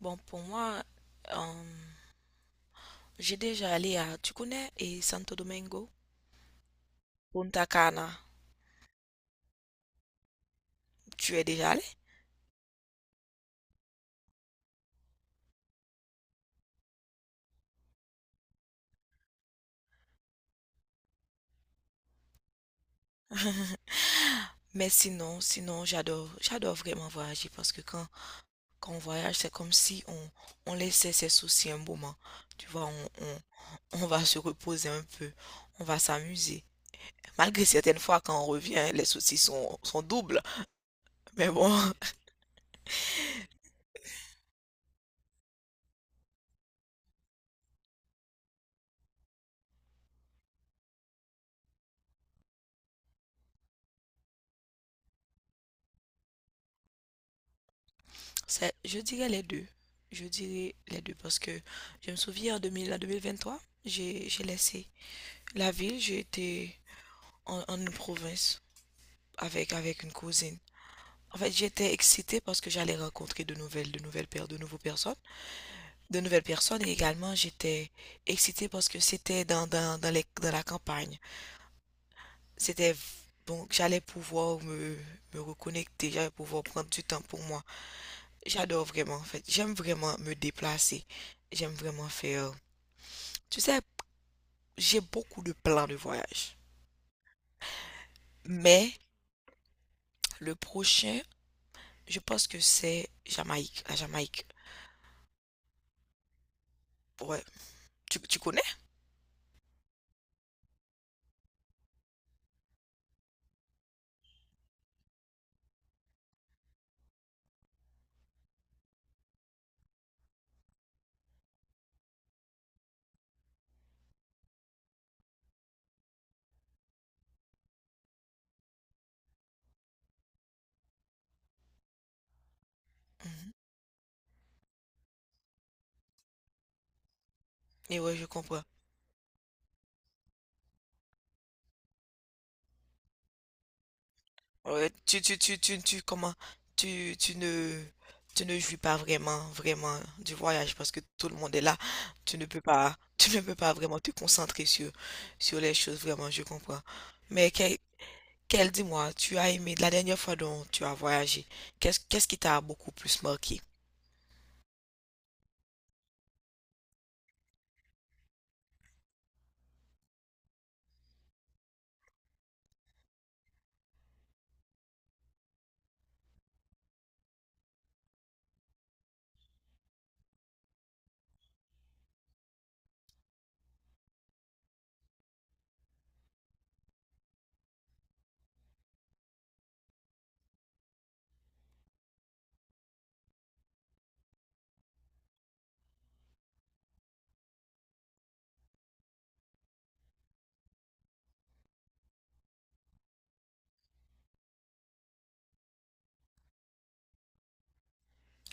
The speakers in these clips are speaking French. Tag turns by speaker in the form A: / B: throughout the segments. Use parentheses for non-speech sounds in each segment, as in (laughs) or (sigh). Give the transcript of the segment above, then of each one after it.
A: Bon, pour moi, euh, j'ai déjà allé à, tu connais, et Santo Domingo, Punta Cana, tu es déjà allé? Mais sinon, j'adore vraiment voyager parce que quand on voyage, c'est comme si on laissait ses soucis un moment. Tu vois, on va se reposer un peu, on va s'amuser. Malgré certaines fois, quand on revient, les soucis sont doubles. Mais bon, (laughs) c'est, je dirais les deux. Je dirais les deux parce que je me souviens en 2000 en trois, j'ai laissé la ville, j'étais en une province avec une cousine. En fait, j'étais excitée parce que j'allais rencontrer de nouvelles paires, de nouvelles personnes. Et également, j'étais excitée parce que c'était dans la campagne. C'était donc j'allais pouvoir me reconnecter, j'allais pouvoir prendre du temps pour moi. J'adore vraiment, en fait. J'aime vraiment me déplacer. J'aime vraiment faire. Tu sais, j'ai beaucoup de plans de voyage. Mais le prochain, je pense que c'est Jamaïque, la Jamaïque. Ouais, tu connais? Mhm. Et ouais, je comprends. Ouais, tu, comment, tu, tu ne jouis pas vraiment du voyage parce que tout le monde est là. Tu ne peux pas vraiment te concentrer sur les choses, vraiment, je comprends. Mais dis-moi, tu as aimé la dernière fois dont tu as voyagé, qu'est-ce qui t'a beaucoup plus marqué?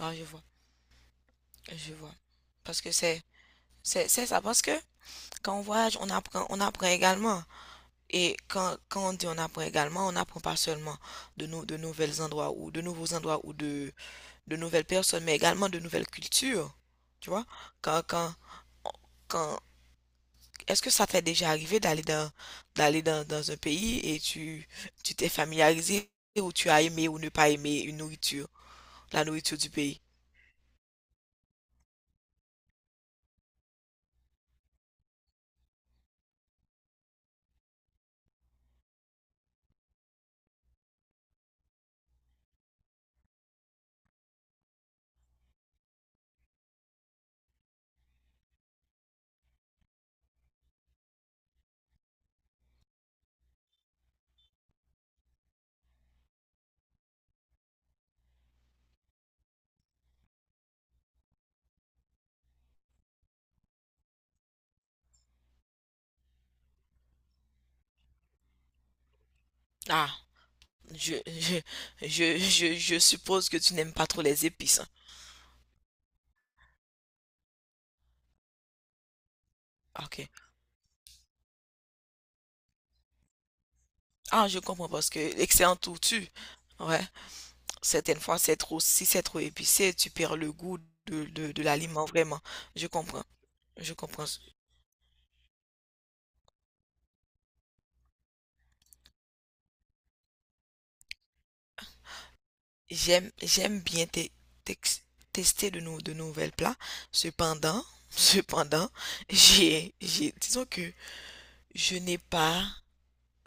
A: Ah, je vois, je vois. Parce que c'est ça, parce que quand on voyage, on apprend également. Et quand on dit on apprend également, on n'apprend pas seulement de, de nouvelles endroits ou de nouveaux endroits ou de nouvelles personnes, mais également de nouvelles cultures. Tu vois? Quand, quand, quand, est-ce que ça t'est déjà arrivé d'aller d'aller dans, dans un pays et tu t'es familiarisé ou tu as aimé ou ne pas aimé une nourriture, la nourriture du pays? Ah, je, je, je suppose que tu n'aimes pas trop les épices, hein. Ok. Ah, je comprends parce que excellent tortue. Ouais. Certaines fois, c'est trop, si c'est trop épicé, tu perds le goût de l'aliment, vraiment. Je comprends. Je comprends. J'aime, j'aime bien tex- tester de, de nouvelles plats. Cependant, (laughs) cependant, j'ai, disons que je n'ai pas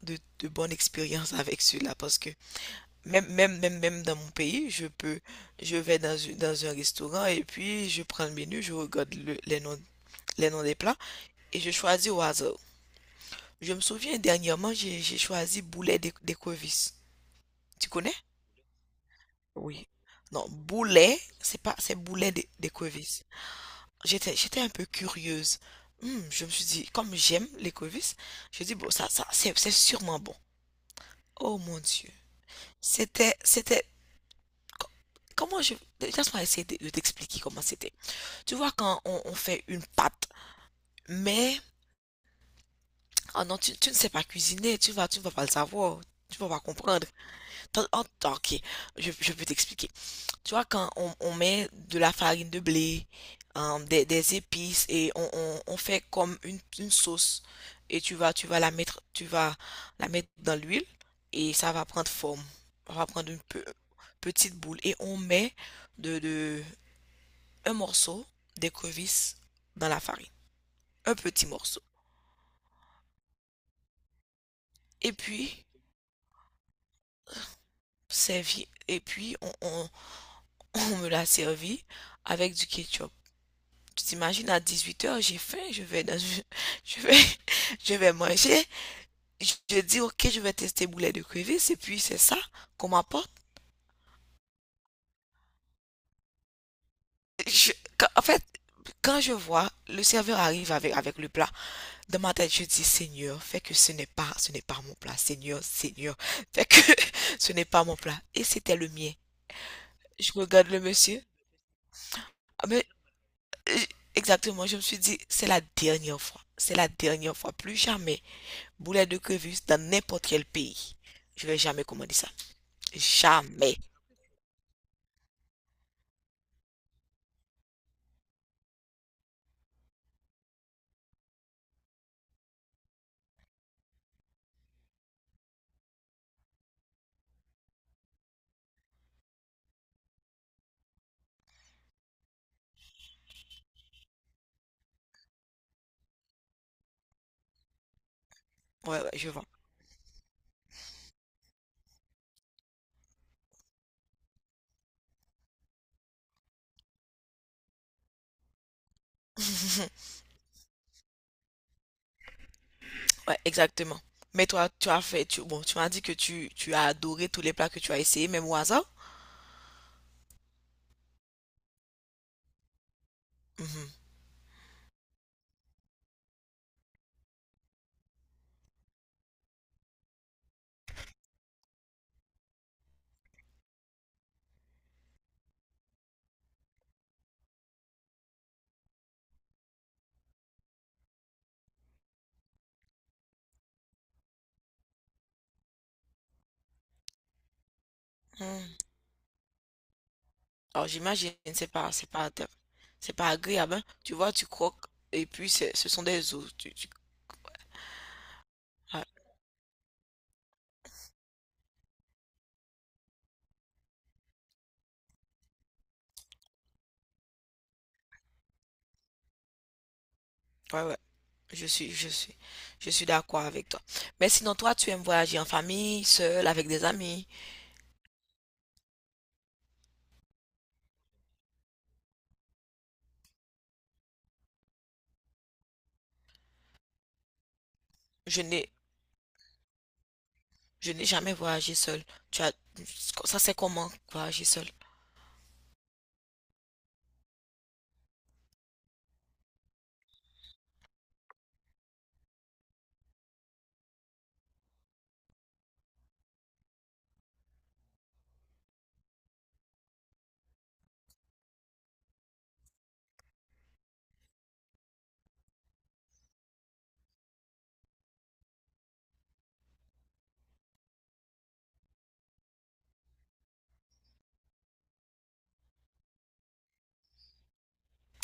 A: de bonne expérience avec cela parce que même dans mon pays, je vais dans, dans un restaurant et puis je prends le menu, je regarde les noms des plats, et je choisis au hasard. Je me souviens dernièrement, j'ai choisi boulet d'écrevisse. Tu connais? Oui. Non, boulet, c'est pas, c'est boulet d'écrevisse. J'étais, j'étais un peu curieuse. Hmm, je me suis dit, comme j'aime l'écrevisse, je dis, bon, c'est sûrement bon. Oh mon Dieu. C'était, c'était, co- comment je, laisse-moi essayer de t'expliquer comment c'était. Tu vois, quand on fait une pâte, mais, ah non, tu ne sais pas cuisiner, tu ne vas pas le savoir, tu ne vas pas comprendre. Ok, je peux t'expliquer. Tu vois, quand on met de la farine de blé, hein, des épices et on fait comme une sauce et tu vas la mettre, tu vas la mettre dans l'huile et ça va prendre forme. Ça va prendre une petite boule et on met de un morceau d'écrevisse dans la farine, un petit morceau. Et puis servi, et puis (laughs) on me l'a servi avec du ketchup. Tu t'imagines, à 18 heures, j'ai faim, je vais dans, je vais, (laughs) je vais manger. Je dis, ok, je vais tester boulet de crevettes et puis c'est ça qu'on m'apporte. Je- en fait, quand je vois le serveur arrive avec le plat, dans ma tête, je dis, Seigneur, fais que ce n'est pas mon plat. Seigneur, Seigneur, fais que (laughs) ce n'est pas mon plat. Et c'était le mien. Je regarde le monsieur. Ah, mais, euh, exactement, je me suis dit, c'est la dernière fois. C'est la dernière fois, plus jamais. Boulet de crevettes dans n'importe quel pays. Je vais jamais commander ça. Jamais. Ouais, ouais, je vois. Ouais, exactement. Mais toi, tu as fait, tu, bon, tu m'as dit que tu as adoré tous les plats que tu as essayés, même au hasard. Mhm. Hmm. Alors j'imagine, c'est pas agréable, hein. Tu vois, tu croques et puis ce sont des os. Tu- Ouais, ouais, ouais. Je suis, je suis, je suis d'accord avec toi. Mais sinon, toi, tu aimes voyager en famille, seul, avec des amis. Je n'ai, je n'ai jamais voyagé seul. Tu as... Ça, c'est comment voyager seul?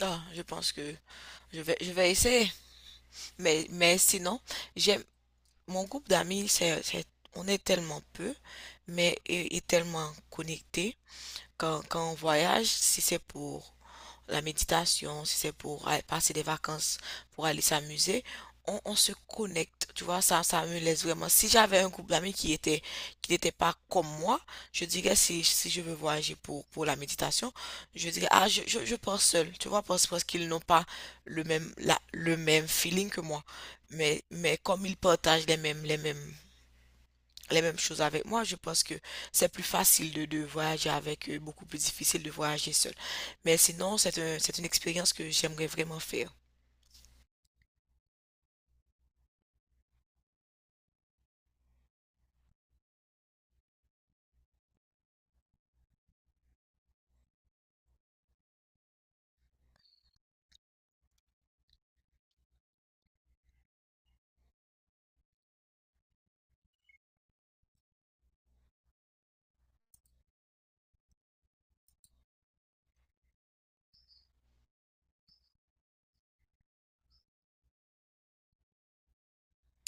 A: Ah, je pense que je vais essayer. Mais sinon, j'aime mon groupe d'amis, on est tellement peu, mais et tellement connectés. Quand on voyage, si c'est pour la méditation, si c'est pour aller passer des vacances, pour aller s'amuser, on se connecte. Tu vois, ça me laisse vraiment. Si j'avais un groupe d'amis qui était, qui n'était pas comme moi, je dirais si je veux voyager pour la méditation, je dirais, ah, je pars seul, tu vois, parce qu'ils n'ont pas le même, la, le même feeling que moi. Mais comme ils partagent les mêmes choses avec moi. Je pense que c'est plus facile de voyager avec eux, beaucoup plus difficile de voyager seul. Mais sinon, c'est une expérience que j'aimerais vraiment faire.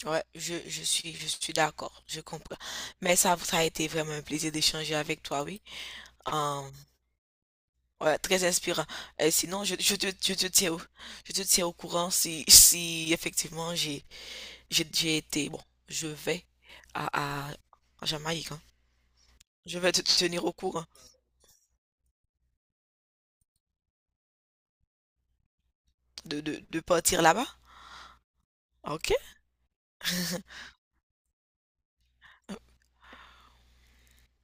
A: Ouais, je suis d'accord, je comprends. Mais ça a été vraiment un plaisir d'échanger avec toi, oui. Euh, ouais, très inspirant. Et sinon, je te tiens au, je te tiens au courant si, si effectivement j'ai été, bon, je vais à, à, en Jamaïque, hein. Je vais te tenir au courant de partir là-bas. Ok?